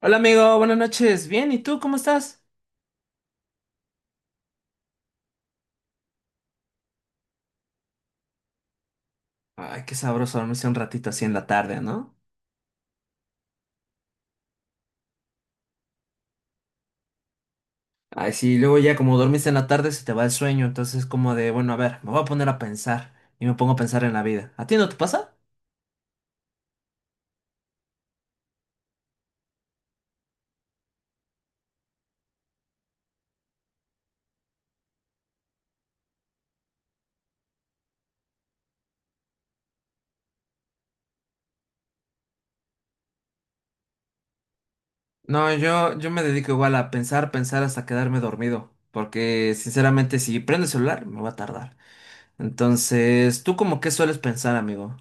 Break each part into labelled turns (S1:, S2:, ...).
S1: Hola amigo, buenas noches. Bien, ¿y tú cómo estás? Ay, qué sabroso dormirse un ratito así en la tarde, ¿no? Ay, sí, luego ya como dormiste en la tarde se te va el sueño, entonces es como de, bueno, a ver, me voy a poner a pensar y me pongo a pensar en la vida. ¿A ti no te pasa? No, yo me dedico igual a pensar, pensar hasta quedarme dormido, porque sinceramente si prendo el celular me va a tardar. Entonces, ¿tú como qué sueles pensar, amigo?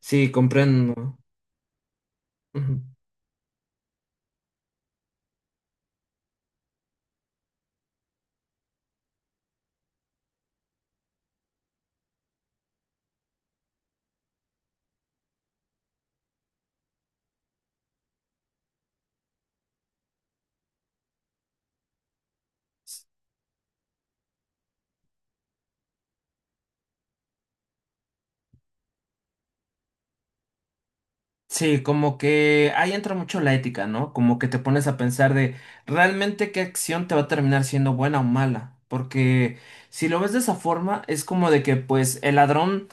S1: Sí, comprendo. Ujú. Sí, como que ahí entra mucho la ética, ¿no? Como que te pones a pensar de realmente qué acción te va a terminar siendo buena o mala. Porque si lo ves de esa forma, es como de que pues el ladrón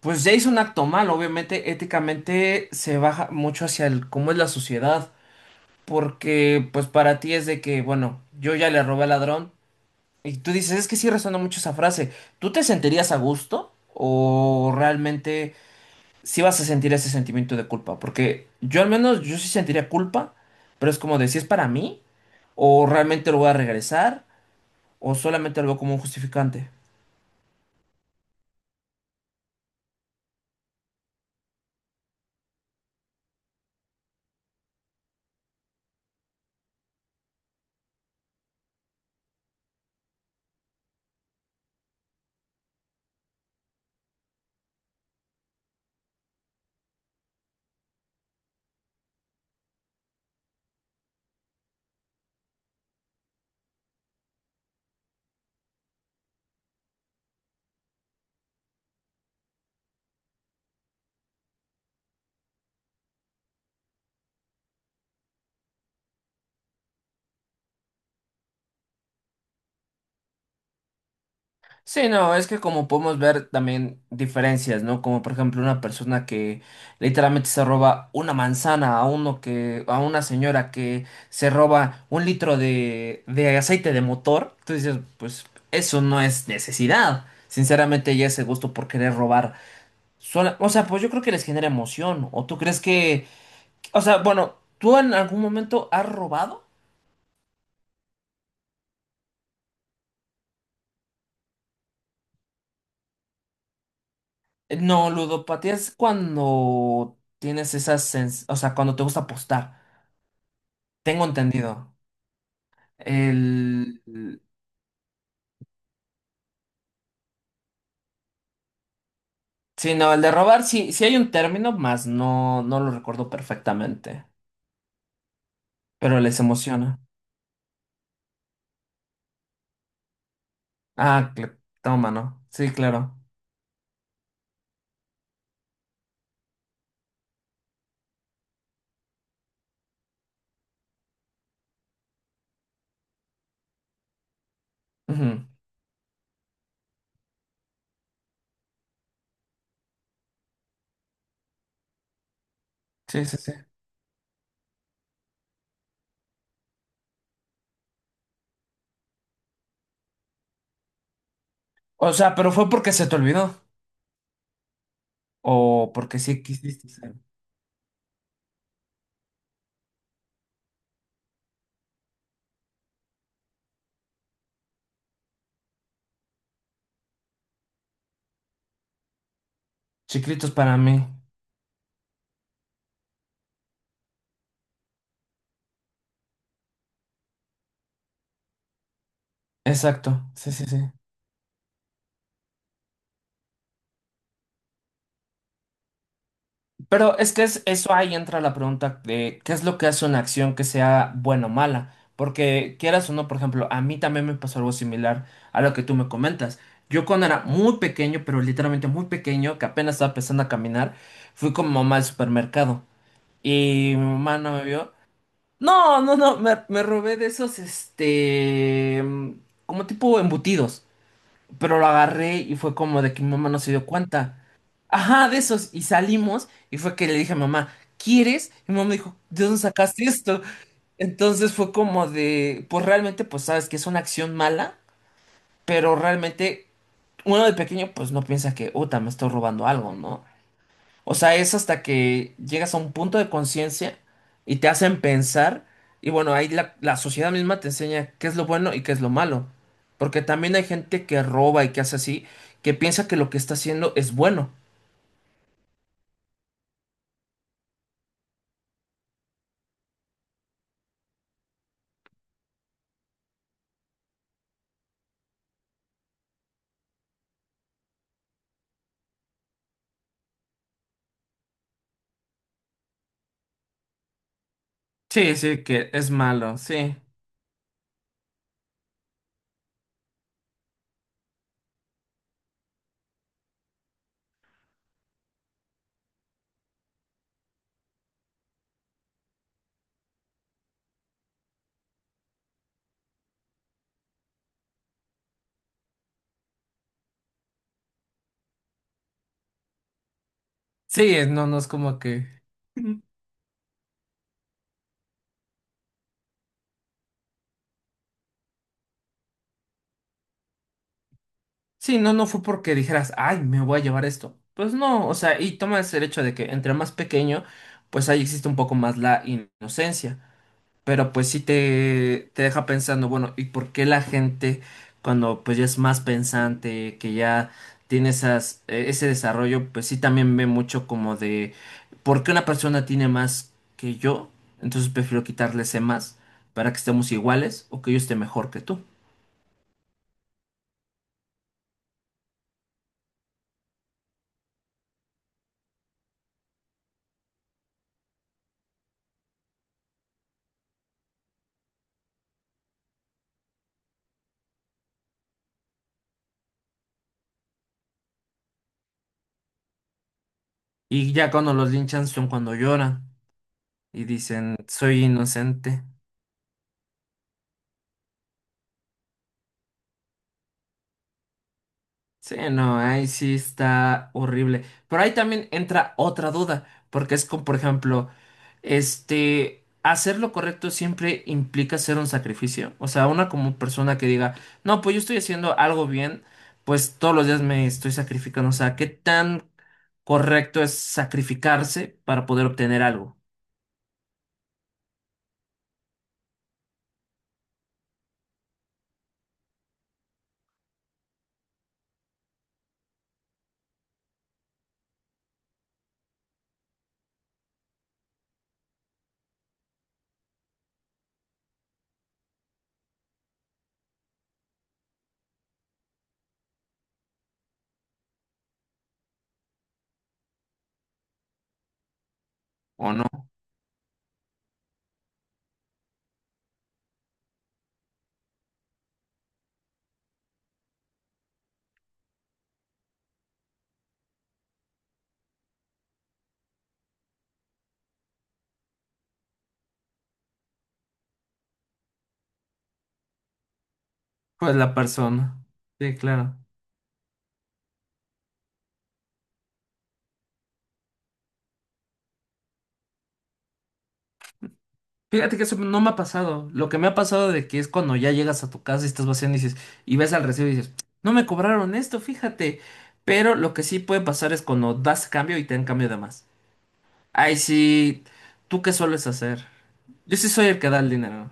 S1: pues ya hizo un acto mal. Obviamente, éticamente se baja mucho hacia el cómo es la sociedad. Porque pues para ti es de que, bueno, yo ya le robé al ladrón. Y tú dices, es que sí resuena mucho esa frase. ¿Tú te sentirías a gusto? ¿O realmente sí vas a sentir ese sentimiento de culpa? Porque yo al menos, yo sí sentiría culpa, pero es como de si es para mí, o realmente lo voy a regresar, o solamente algo como un justificante. Sí, no, es que como podemos ver también diferencias, ¿no? Como por ejemplo una persona que literalmente se roba una manzana a uno que, a una señora que se roba un litro de aceite de motor, tú dices, pues eso no es necesidad. Sinceramente ya ese gusto por querer robar. O sea, pues yo creo que les genera emoción. ¿O tú crees que... O sea, bueno, ¿tú en algún momento has robado? No, ludopatía es cuando tienes esas... O sea, cuando te gusta apostar. Tengo entendido. El... el- Sí, no, el de robar sí, sí hay un término, más no, no lo recuerdo perfectamente. Pero les emociona. Ah, toma, ¿no? Sí, claro. Ujú. Sí, sí, sí. O sea, pero fue porque se te olvidó. O porque sí quisiste ser. Chiquitos para mí. Exacto, sí, sí, sí. Pero es que es, eso ahí entra la pregunta de qué es lo que hace una acción que sea buena o mala. Porque quieras o no, por ejemplo, a mí también me pasó algo similar a lo que tú me comentas. Yo cuando era muy pequeño, pero literalmente muy pequeño, que apenas estaba empezando a caminar, fui con mi mamá al supermercado y mi mamá no me vio. No, no, no, me robé de esos, este, mm, como tipo embutidos. Pero lo agarré y fue como de que mi mamá no se dio cuenta. Ajá, de esos. Y salimos y fue que le dije a mamá, ¿quieres? Y mi mamá me dijo, ¿de dónde sacaste esto? Entonces fue como de, pues realmente, pues sabes que es una acción mala, pero realmente uno de pequeño pues no piensa que, uta, me estoy robando algo, ¿no? O sea, es hasta que llegas a un punto de conciencia y te hacen pensar. Y bueno, ahí la sociedad misma te enseña qué es lo bueno y qué es lo malo. Porque también hay gente que roba y que hace así, que piensa que lo que está haciendo es bueno. Sí, sí, que es malo, sí. Sí, no, no es como que... Mm. Sí, no, no fue porque dijeras, ay, me voy a llevar esto. Pues no, o sea, y tomas el hecho de que entre más pequeño, pues ahí existe un poco más la inocencia. Pero pues sí te deja pensando, bueno, ¿y por qué la gente cuando pues ya es más pensante, que ya tiene esas, ese desarrollo, pues sí también ve mucho como de por qué una persona tiene más que yo? Entonces prefiero quitarle ese más para que estemos iguales o que yo esté mejor que tú. Y ya cuando los linchan son cuando lloran y dicen, soy inocente. Sí, no, ahí sí está horrible. Pero ahí también entra otra duda, porque es como, por ejemplo, este, hacer lo correcto siempre implica hacer un sacrificio. O sea, una como persona que diga, no, pues yo estoy haciendo algo bien, pues todos los días me estoy sacrificando. O sea, ¿qué tan correcto es sacrificarse para poder obtener algo? ¿O no? Pues la persona. Sí, claro. Fíjate que eso no me ha pasado. Lo que me ha pasado de que es cuando ya llegas a tu casa y estás vaciando y dices, y ves al recibo y dices, no me cobraron esto, fíjate. Pero lo que sí puede pasar es cuando das cambio y te dan cambio de más. Ay, sí, ¿tú qué sueles hacer? Yo sí soy el que da el dinero.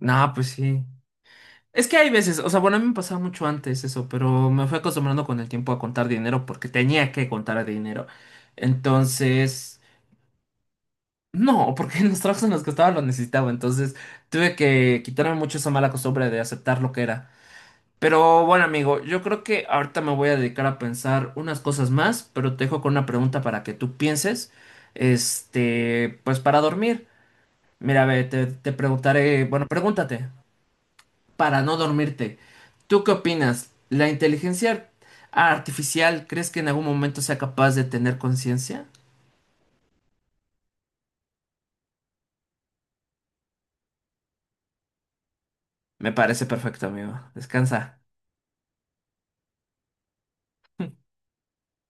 S1: No, pues sí. Es que hay veces, o sea, bueno, a mí me pasaba mucho antes eso, pero me fui acostumbrando con el tiempo a contar dinero porque tenía que contar dinero. Entonces, no, porque en los trabajos en los que estaba lo necesitaba, entonces tuve que quitarme mucho esa mala costumbre de aceptar lo que era. Pero bueno, amigo, yo creo que ahorita me voy a dedicar a pensar unas cosas más, pero te dejo con una pregunta para que tú pienses, este, pues para dormir. Mira, ve, te preguntaré, bueno, pregúntate, para no dormirte, ¿tú qué opinas? ¿La inteligencia artificial crees que en algún momento sea capaz de tener conciencia? Me parece perfecto, amigo. Descansa.